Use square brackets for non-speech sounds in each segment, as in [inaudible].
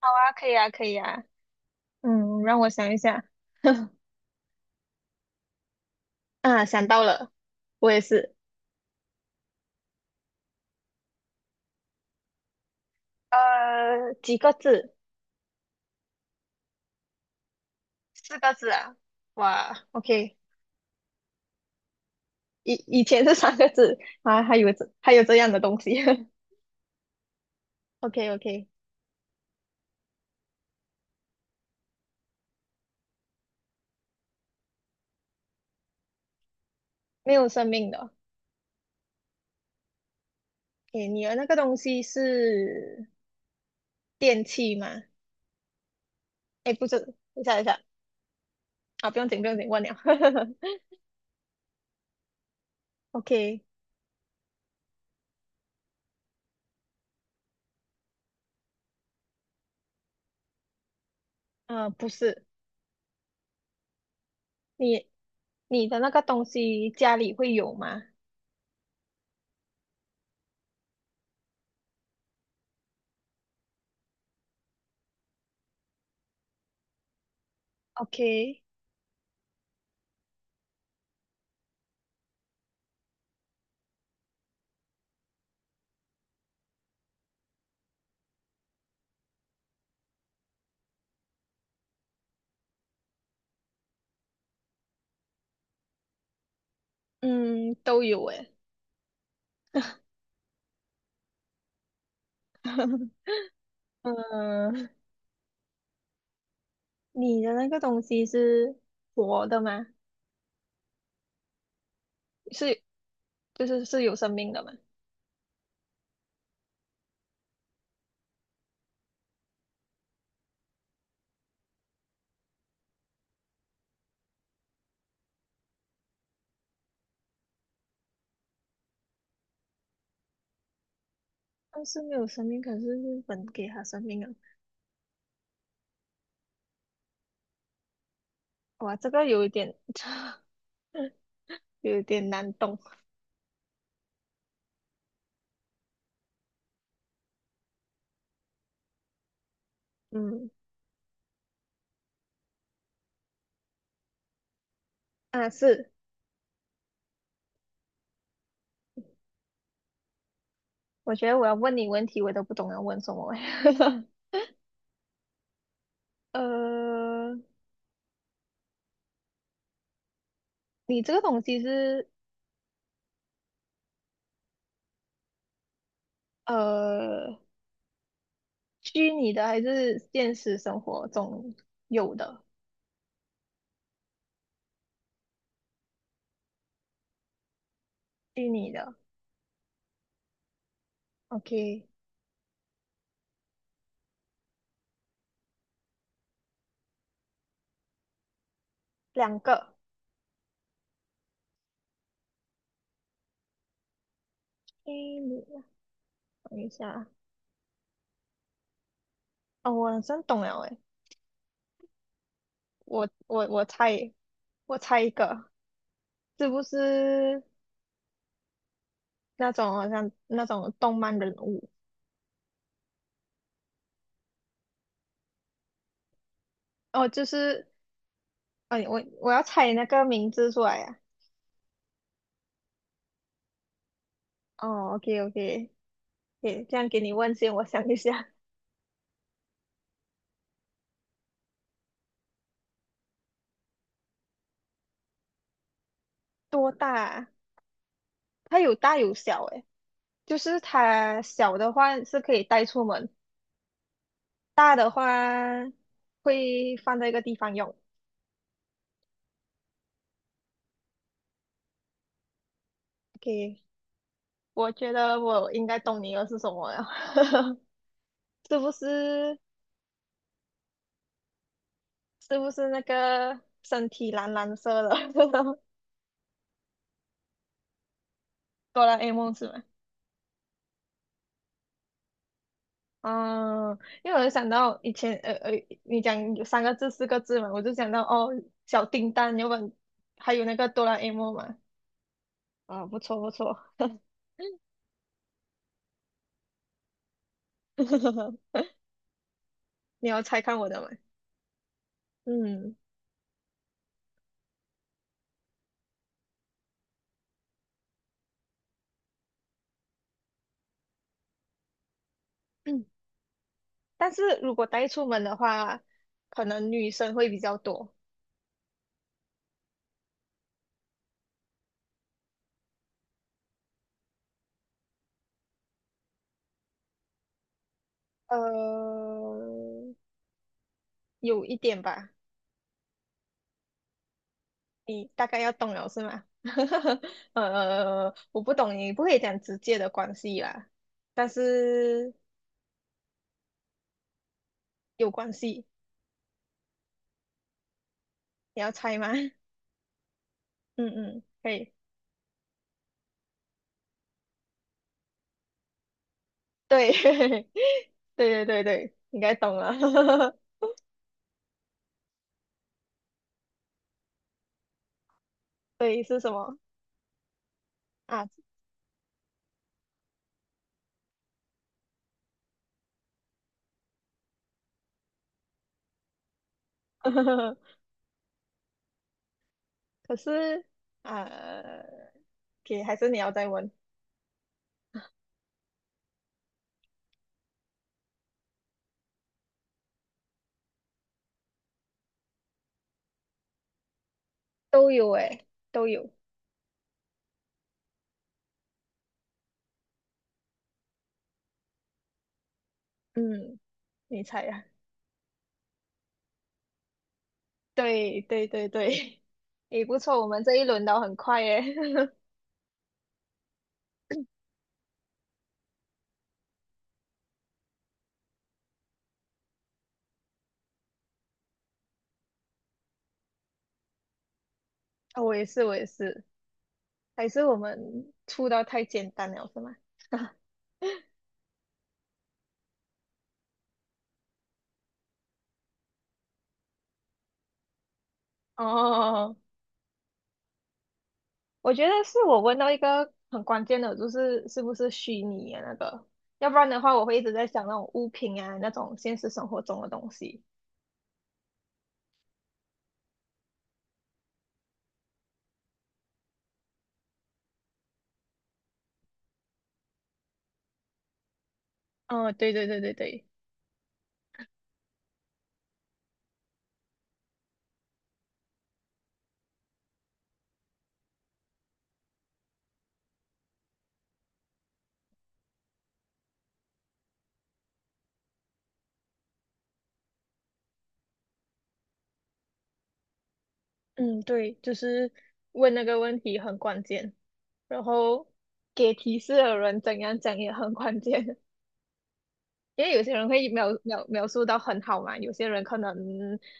好啊，可以啊，可以啊。嗯，让我想一下。[laughs] 啊，想到了，我也是。几个字？四个字啊。哇，OK。以前是三个字啊，还有这样的东西。[laughs] OK OK，没有生命的。诶，你的那个东西是电器吗？诶，不是，等一下。啊，不用紧，忘了。[laughs] OK，呃，不是，你你的那个东西家里会有吗？OK，嗯，都有诶。[laughs] 嗯，你的那个东西是活的吗？是，就是是有生命的吗？但是没有生命，可是日本给它生命了。哇，这个有一点，[laughs] 有一点难懂。嗯，啊，是，我觉得我要问你问题，我都不懂要问什么。[laughs] 呃，你这个东西是呃虚拟的还是现实生活中有的？虚拟的，OK，两个。虚拟的，等一下。哦，我真懂了诶，我猜，我猜一个，是不是那种动漫人物？哦，就是，哎，我要猜那个名字出来呀、哦，OK OK，可以这样给你问先，我想一下，多大啊？它有大有小诶，就是它小的话是可以带出门，大的话会放在一个地方用。OK，我觉得我应该懂你的是什么了，[laughs] 是不是？是不是那个身体蓝蓝色的 [laughs] 哆啦 A 梦是吗？[laughs] 嗯，因为我就想到以前，你讲有三个字、四个字嘛，我就想到哦，小叮当，有本，还有那个哆啦 A 梦嘛，啊、不错不错，[laughs] 你要猜看我的吗？嗯嗯，[clears throat] 但是如果带出门的话，可能女生会比较多，呃，有一点吧，你大概要动了是吗？[laughs] 呃,我不懂，你不可以讲直接的关系啦，但是有关系，你要猜吗？[laughs] 嗯嗯，可以，对，[laughs] 对对对对，应该懂了，[laughs] 对，是什么啊？[laughs] 可是啊，OK，还是你要再问，都有诶，都有，嗯，你猜呀、对对对对，[laughs] 也不错，我们这一轮聊很快耶，[laughs] 啊我也是，我也是。还是我们出的太简单了，是吗？哦，我觉得是我问到一个很关键的，就是是不是虚拟的那个，要不然的话，我会一直在想那种物品啊，那种现实生活中的东西。哦，对对对对对，嗯，对，就是问那个问题很关键。然后给提示的人怎样讲也很关键。因为有些人会描述到很好嘛，有些人可能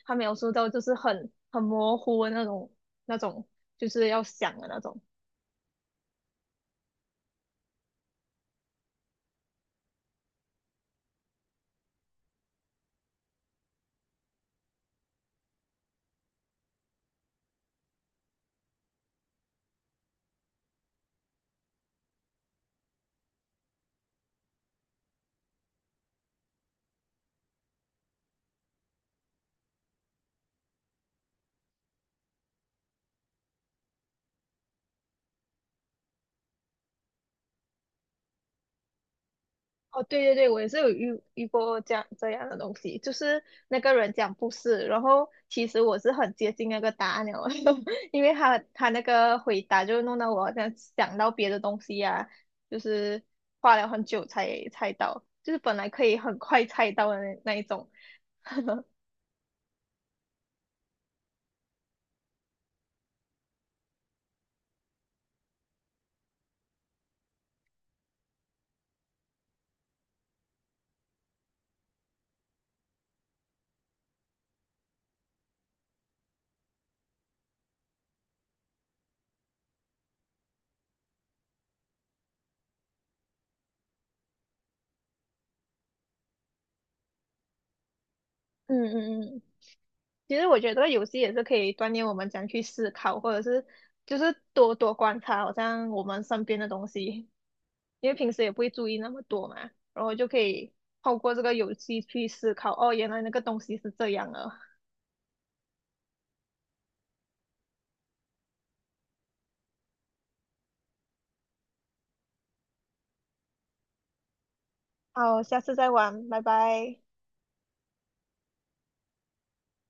他描述到就是很模糊的那种那种，就是要想的那种。哦，对对对，我也是有遇过这样的东西，就是那个人讲不是，然后其实我是很接近那个答案了，[laughs] 因为他那个回答就弄到我好像想到别的东西呀，就是花了很久才猜到，就是本来可以很快猜到的那一种。嗯。其实我觉得这个游戏也是可以锻炼我们怎样去思考，或者是就是多多观察，好像我们身边的东西，因为平时也不会注意那么多嘛，然后就可以透过这个游戏去思考，哦，原来那个东西是这样的。好，下次再玩，拜拜。